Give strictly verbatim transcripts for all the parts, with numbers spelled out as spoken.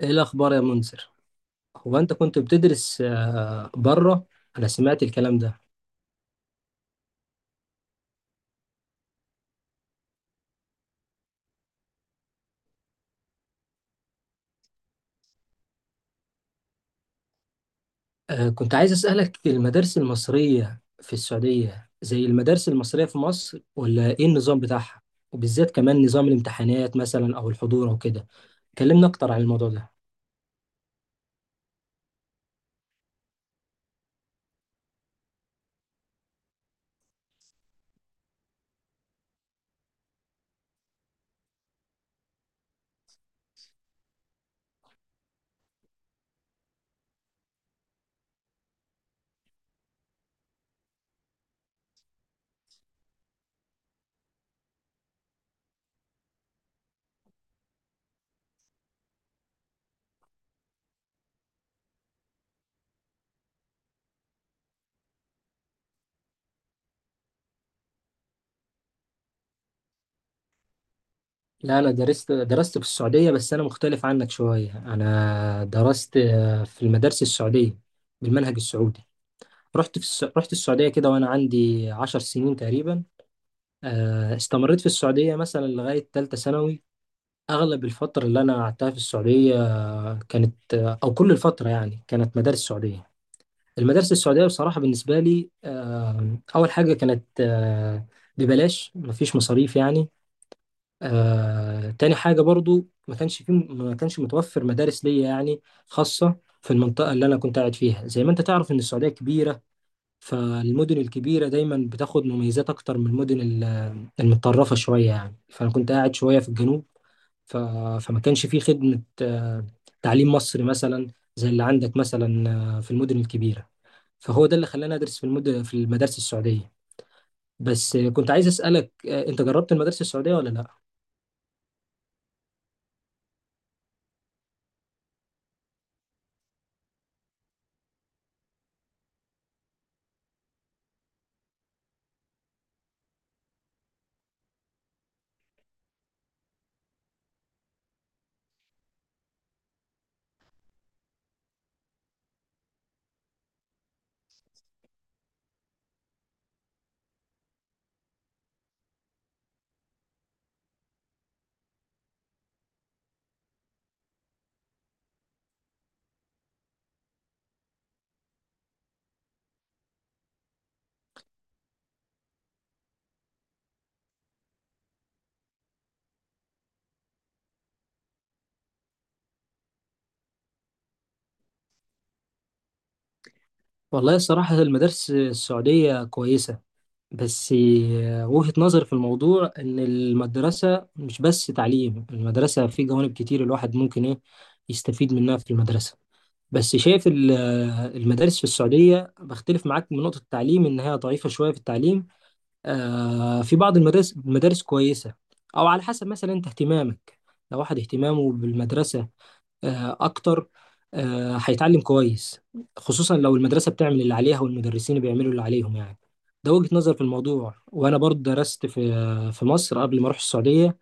ايه الاخبار يا منذر. هو انت كنت بتدرس آه، بره. انا سمعت الكلام ده. آه، كنت عايز اسالك، المدارس المصريه في السعوديه زي المدارس المصريه في مصر ولا ايه النظام بتاعها؟ وبالذات كمان نظام الامتحانات مثلا او الحضور او كده. كلمنا اكتر عن الموضوع ده. لا، انا درست درست في السعوديه. بس انا مختلف عنك شويه، انا درست آه، في المدارس السعوديه بالمنهج السعودي. رحت في الس... رحت السعوديه كده وانا عندي عشر سنين تقريبا. آه، استمريت في السعودية مثلا لغاية تالتة ثانوي. أغلب الفترة اللي أنا قعدتها في السعودية آه، كانت، آه، أو كل الفترة يعني، كانت مدارس سعودية. المدارس السعودية بصراحة بالنسبة لي، آه، أول حاجة كانت آه، ببلاش، مفيش مصاريف يعني. آه، تاني حاجة برضو، ما كانش في ما كانش متوفر مدارس ليا يعني، خاصة، في المنطقة اللي أنا كنت قاعد فيها. زي ما أنت تعرف إن السعودية كبيرة، فالمدن الكبيرة دايما بتاخد مميزات أكتر من المدن المتطرفة شوية يعني. فأنا كنت قاعد شوية في الجنوب، ف... فما كانش فيه خدمة آه، تعليم مصري مثلا زي اللي عندك مثلا آه، في المدن الكبيرة. فهو ده اللي خلاني أدرس في المد... في المدارس السعودية. بس آه، كنت عايز أسألك، آه، أنت جربت المدارس السعودية ولا لأ؟ والله الصراحة المدارس السعودية كويسة، بس آه، وجهة نظر في الموضوع، إن المدرسة مش بس تعليم، المدرسة في جوانب كتير الواحد ممكن إيه يستفيد منها في المدرسة. بس شايف ال- المدارس في السعودية، بختلف معاك من نقطة التعليم، إن هي ضعيفة شوية في التعليم. آه، في بعض المدارس، المدارس كويسة، أو على حسب مثلا أنت اهتمامك. لو واحد اهتمامه بالمدرسة آه، أكتر، آه، هيتعلم كويس، خصوصا لو المدرسة بتعمل اللي عليها والمدرسين بيعملوا اللي عليهم يعني. ده وجهة نظر في الموضوع. وأنا برضه درست في آه، في مصر قبل ما أروح السعودية.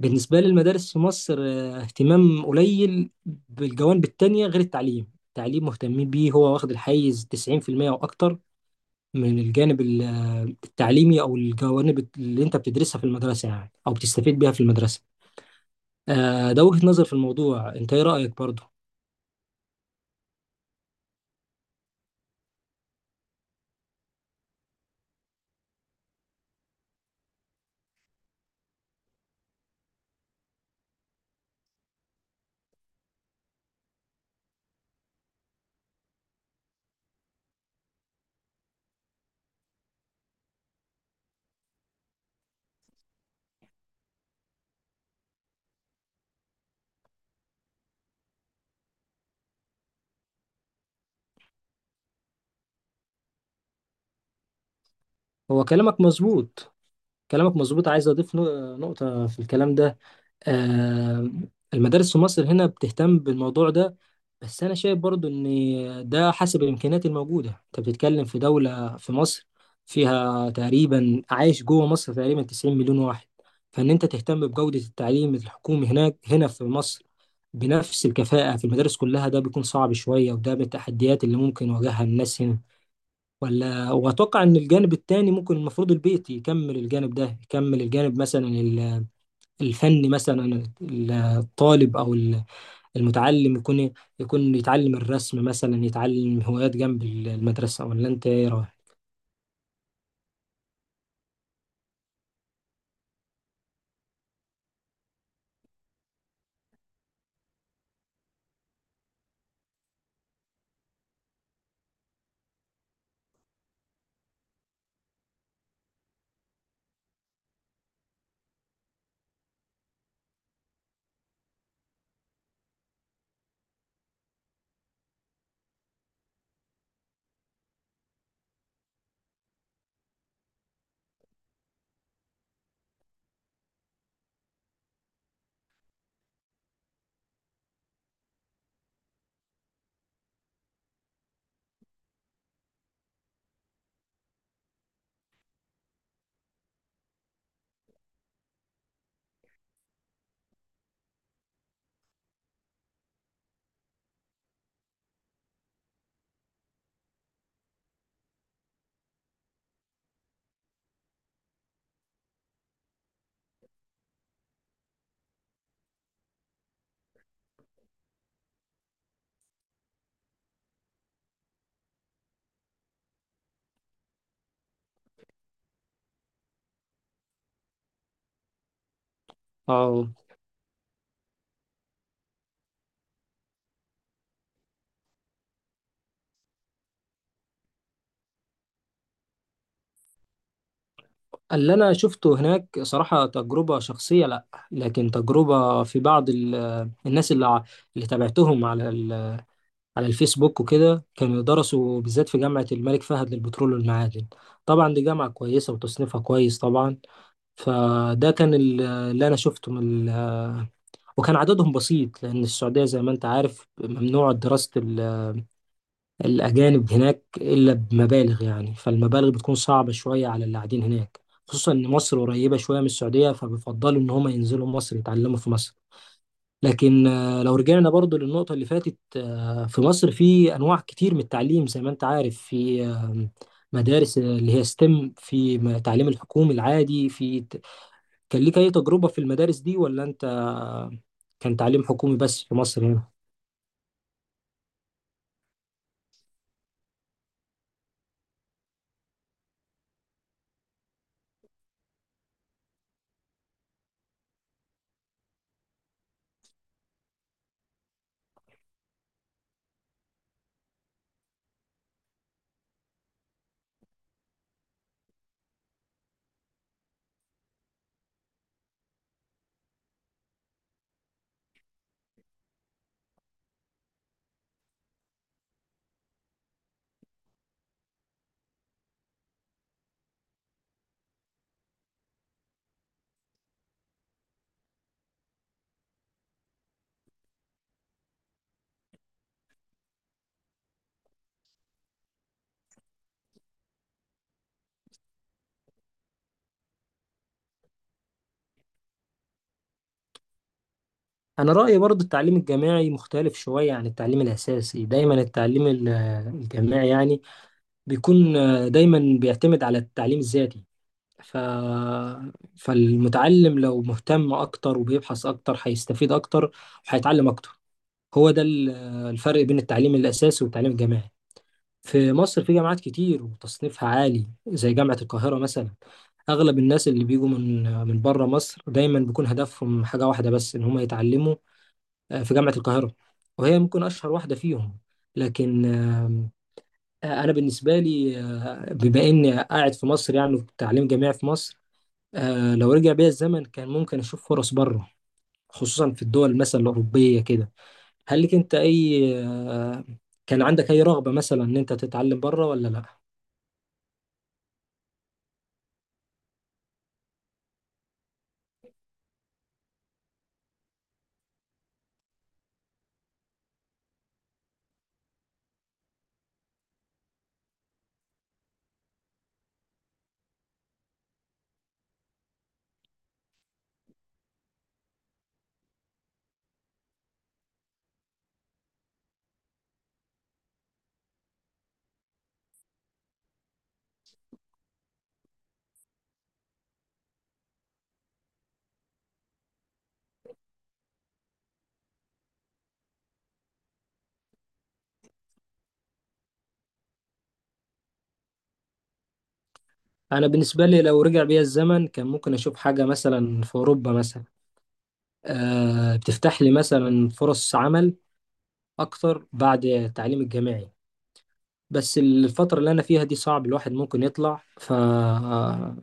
بالنسبة لي المدارس في مصر آه، اهتمام قليل بالجوانب التانية غير التعليم. التعليم مهتمين بيه، هو واخد الحيز تسعين في المية أو أكتر من الجانب ال- آه، التعليمي، أو الجوانب اللي أنت بتدرسها في المدرسة يعني أو بتستفيد بيها في المدرسة. آه، ده وجهة نظر في الموضوع. أنت إيه رأيك برضه؟ هو كلامك مظبوط. كلامك مظبوط، عايز أضيف نق- نقطة في الكلام ده. آه، المدارس في مصر هنا بتهتم بالموضوع ده، بس انا شايف برضو ان ده حسب الامكانيات الموجوده. انت بتتكلم في دوله، في مصر فيها تقريبا، عايش جوه مصر تقريبا تسعين مليون واحد. فان انت تهتم بجوده التعليم الحكومي هناك هنا في مصر بنفس الكفاءه في المدارس كلها، ده بيكون صعب شويه، وده من التحديات اللي ممكن يواجهها الناس هنا. ولا، واتوقع ان الجانب التاني ممكن، المفروض البيت يكمل الجانب ده، يكمل الجانب مثلا الفن مثلا. الطالب او المتعلم يكون يكون يتعلم الرسم مثلا، يتعلم هوايات جنب المدرسه. ولا انت ايه رايك؟ اه. اللي انا شفته هناك صراحه، تجربه شخصيه لا، لكن تجربه في بعض ال- الناس اللي ع- اللي تابعتهم على ال- على الفيسبوك وكده، كانوا درسوا بالذات في جامعه الملك فهد للبترول والمعادن. طبعا دي جامعه كويسه وتصنيفها كويس طبعا. فده كان ال- اللي أنا شفته من ال- وكان عددهم بسيط، لأن السعودية زي ما أنت عارف ممنوع دراسة ال- الأجانب هناك إلا بمبالغ يعني. فالمبالغ بتكون صعبة شوية على اللي قاعدين هناك، خصوصا إن مصر قريبة شوية من السعودية، فبيفضلوا إن هما ينزلوا مصر يتعلموا في مصر. لكن، آه، لو رجعنا برضو للنقطة اللي فاتت، آه، في مصر في أنواع كتير من التعليم زي ما أنت عارف، في آه، مدارس اللي هي ستيم، في م- التعليم الحكومي العادي، في. كان ليك أي تجربة في المدارس دي، ولا أنت كان تعليم حكومي بس في مصر هنا؟ أنا رأيي برضو، التعليم الجامعي مختلف شوية عن التعليم الأساسي. دايما التعليم ال- الجامعي يعني بيكون آه، دايما بيعتمد على التعليم الذاتي، ف... فالمتعلم لو مهتم أكتر وبيبحث أكتر، هيستفيد أكتر وهيتعلم أكتر. هو ده ال- الفرق بين التعليم الأساسي والتعليم الجامعي. في مصر في جامعات كتير وتصنيفها عالي، زي جامعة القاهرة مثلا. اغلب الناس اللي بيجوا من من بره مصر دايما بيكون هدفهم حاجه واحده بس، ان هم يتعلموا آه، في جامعه القاهره، وهي ممكن اشهر واحده فيهم. لكن آم، آه، انا بالنسبه لي، آه، بما اني قاعد في مصر يعني، في تعليم جامعي في مصر. آه، لو رجع بيا الزمن، كان ممكن اشوف فرص بره، خصوصا في الدول مثلا الاوروبيه كده. هل لك انت اي آه، كان عندك اي رغبه مثلا ان انت تتعلم بره ولا لا؟ انا بالنسبه لي، لو رجع بيا الزمن، كان ممكن اشوف حاجه مثلا في اوروبا مثلا، آه، بتفتح لي مثلا فرص عمل اكتر بعد التعليم الجامعي. بس الفترة اللي أنا فيها دي صعب الواحد ممكن يطلع، ف...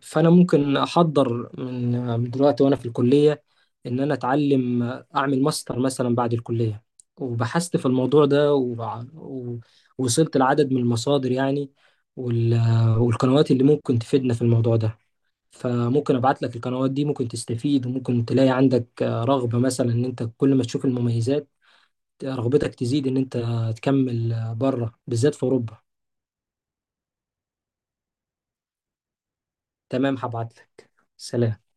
فأنا ممكن أحضر من من دلوقتي وأنا في الكلية، إن أنا أتعلم، أعمل ماستر مثلا بعد الكلية. وبحثت في الموضوع ده وع- و- ووصلت لعدد من المصادر يعني، وال... والقنوات اللي ممكن تفيدنا في الموضوع ده. فممكن ابعت لك القنوات دي، ممكن تستفيد، وممكن تلاقي عندك آه، رغبة مثلا، ان انت كل ما تشوف المميزات رغبتك تزيد ان انت تكمل آه، بره بالذات في اوروبا. تمام، هبعت لك. سلام.